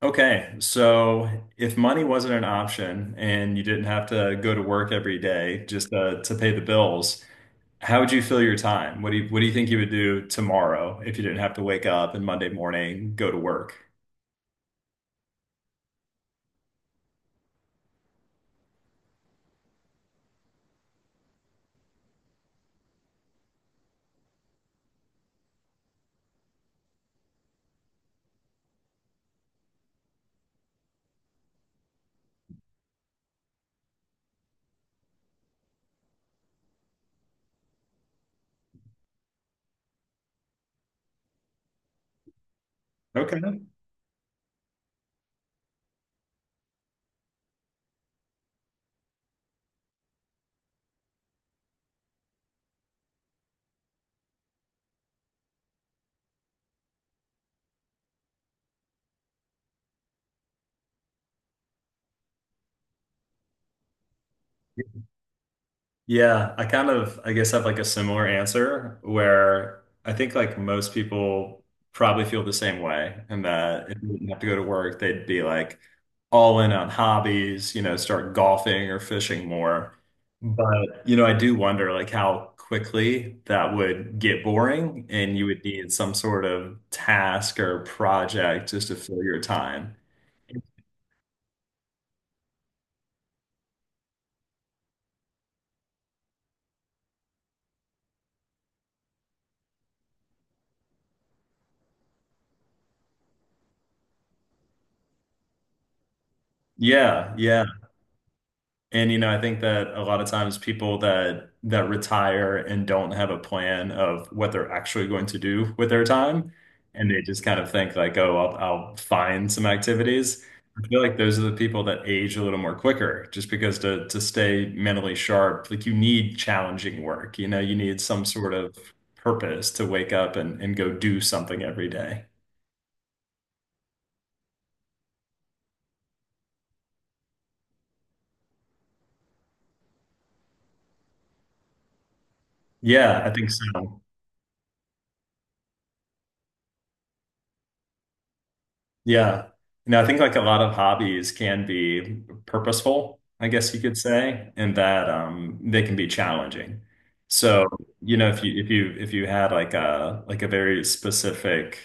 Okay, so if money wasn't an option and you didn't have to go to work every day just to pay the bills, how would you fill your time? What do you think you would do tomorrow if you didn't have to wake up and Monday morning go to work? Okay. Yeah, I kind of, I guess, have like a similar answer where I think like most people probably feel the same way, and that if they didn't have to go to work, they'd be like all in on hobbies, you know, start golfing or fishing more. But, you know, I do wonder like how quickly that would get boring and you would need some sort of task or project just to fill your time. Yeah, yeah. And you know, I think that a lot of times people that retire and don't have a plan of what they're actually going to do with their time, and they just kind of think like, oh, I'll find some activities. I feel like those are the people that age a little more quicker, just because to stay mentally sharp, like you need challenging work. You know, you need some sort of purpose to wake up and go do something every day. Yeah, I think so. Yeah. You know, I think like a lot of hobbies can be purposeful, I guess you could say, and that they can be challenging. So, you know, if you had like a very specific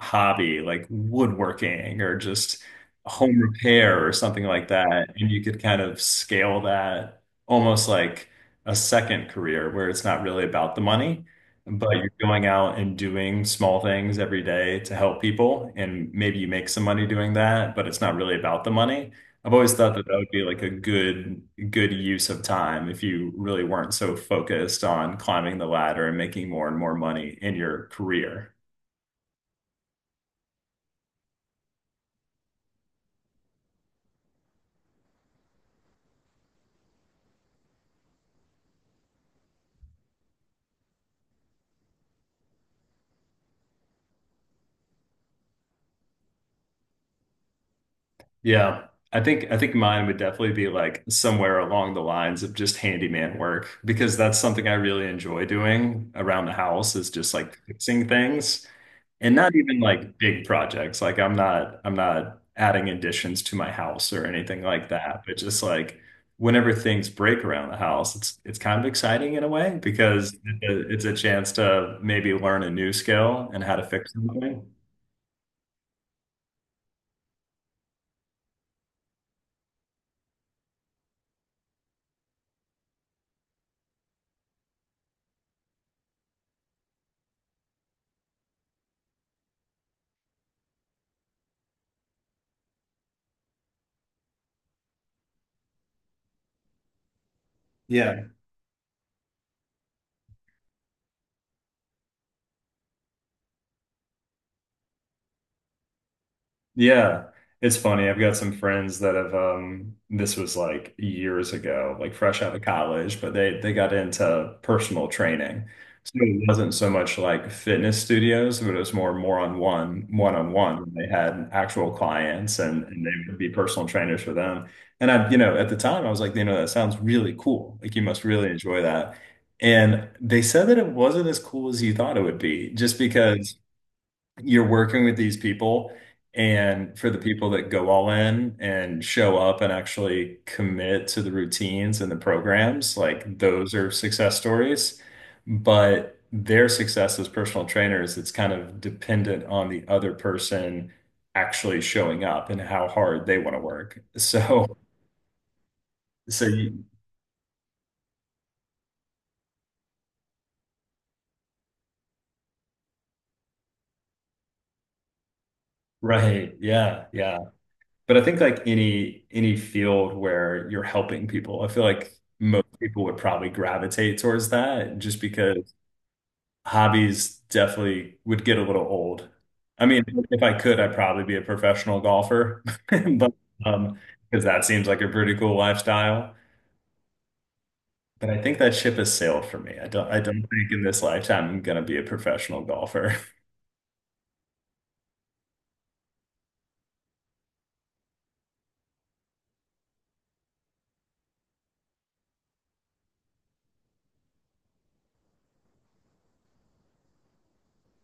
hobby like woodworking or just home repair or something like that, and you could kind of scale that almost like a second career where it's not really about the money but you're going out and doing small things every day to help people, and maybe you make some money doing that, but it's not really about the money. I've always thought that that would be like a good use of time if you really weren't so focused on climbing the ladder and making more and more money in your career. Yeah. I think mine would definitely be like somewhere along the lines of just handyman work because that's something I really enjoy doing around the house is just like fixing things and not even like big projects. Like I'm not adding additions to my house or anything like that, but just like whenever things break around the house, it's kind of exciting in a way because it's a chance to maybe learn a new skill and how to fix something. Yeah. Yeah, it's funny. I've got some friends that have this was like years ago, like fresh out of college, but they got into personal training. So it wasn't so much like fitness studios, but it was more on one on one. They had actual clients and, they would be personal trainers for them. And I, you know, at the time I was like, you know, that sounds really cool. Like you must really enjoy that. And they said that it wasn't as cool as you thought it would be, just Mm. because you're working with these people and for the people that go all in and show up and actually commit to the routines and the programs like those are success stories but their success as personal trainers it's kind of dependent on the other person actually showing up and how hard they want to work so so you, right, yeah, yeah. But I think like any field where you're helping people, I feel like most people would probably gravitate towards that just because hobbies definitely would get a little old. I mean, if I could, I'd probably be a professional golfer, but um, because that seems like a pretty cool lifestyle. But I think that ship has sailed for me. I don't think in this lifetime I'm gonna be a professional golfer.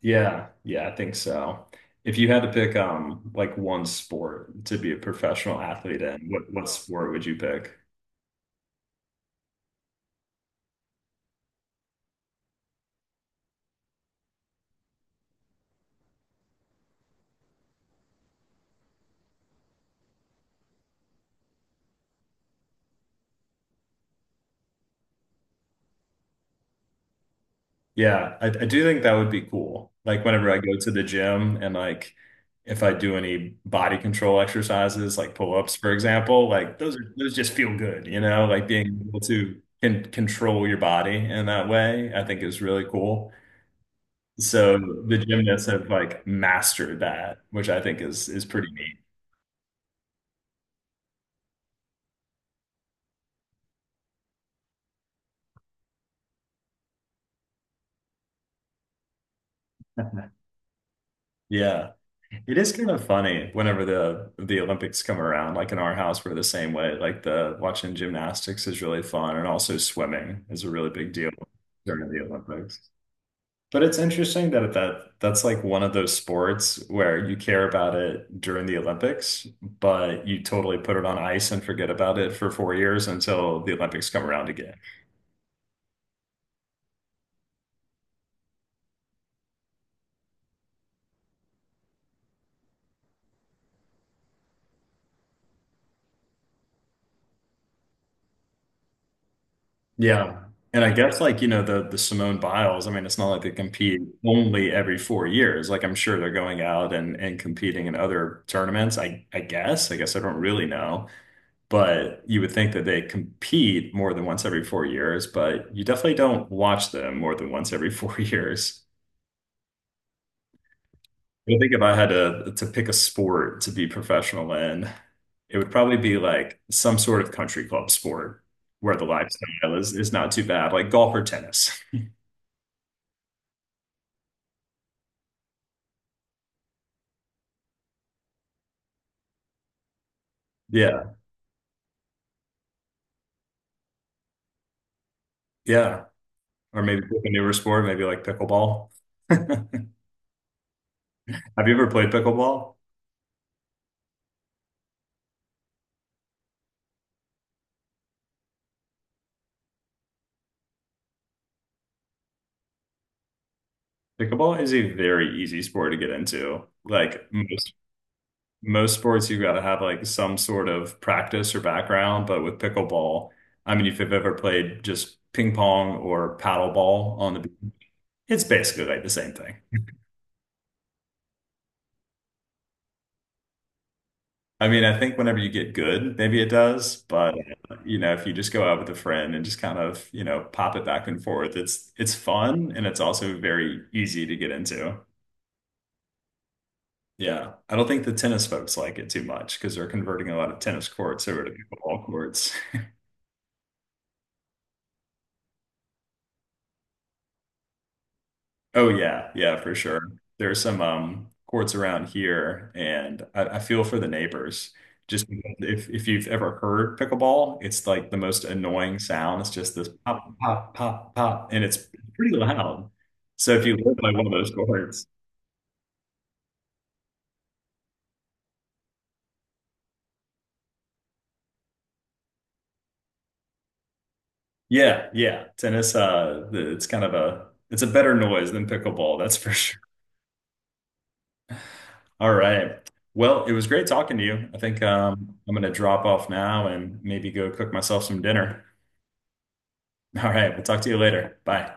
Yeah, yeah, I think so. If you had to pick like one sport to be a professional athlete in, what sport would you pick? Yeah, I do think that would be cool. Like whenever I go to the gym and like if I do any body control exercises, like pull-ups, for example, like those are those just feel good, you know, like being able to can control your body in that way, I think is really cool. So the gymnasts have like mastered that, which I think is pretty neat. Yeah. It is kind of funny whenever the Olympics come around. Like in our house, we're the same way. Like the watching gymnastics is really fun, and also swimming is a really big deal during the Olympics. But it's interesting that that's like one of those sports where you care about it during the Olympics, but you totally put it on ice and forget about it for 4 years until the Olympics come around again. Yeah. And I guess like, you know, the Simone Biles, I mean, it's not like they compete only every 4 years. Like I'm sure they're going out and competing in other tournaments. I guess. I guess I don't really know. But you would think that they compete more than once every 4 years, but you definitely don't watch them more than once every four years. I think if I had to pick a sport to be professional in, it would probably be like some sort of country club sport where the lifestyle is not too bad, like golf or tennis. Yeah. Yeah. Or maybe pick a newer sport, maybe like pickleball. Have you ever played pickleball? Pickleball is a very easy sport to get into. Like most sports, you've got to have like some sort of practice or background, but with pickleball, I mean, if you've ever played just ping pong or paddle ball on the beach, it's basically like the same thing. I mean, I think whenever you get good, maybe it does, but yeah, you know, if you just go out with a friend and just kind of, you know, pop it back and forth, it's fun and it's also very easy to get into. Yeah. I don't think the tennis folks like it too much because they're converting a lot of tennis courts over to pickleball courts. Oh yeah, yeah, for sure. There's some courts around here, and I feel for the neighbors. Just because if you've ever heard pickleball, it's like the most annoying sound. It's just this pop, pop, pop, pop, and it's pretty loud. So if you live by one of those courts, yeah, yeah, tennis, it's kind of a it's a better noise than pickleball, that's for sure. All right. Well, it was great talking to you. I think I'm gonna drop off now and maybe go cook myself some dinner. All right. We'll talk to you later. Bye.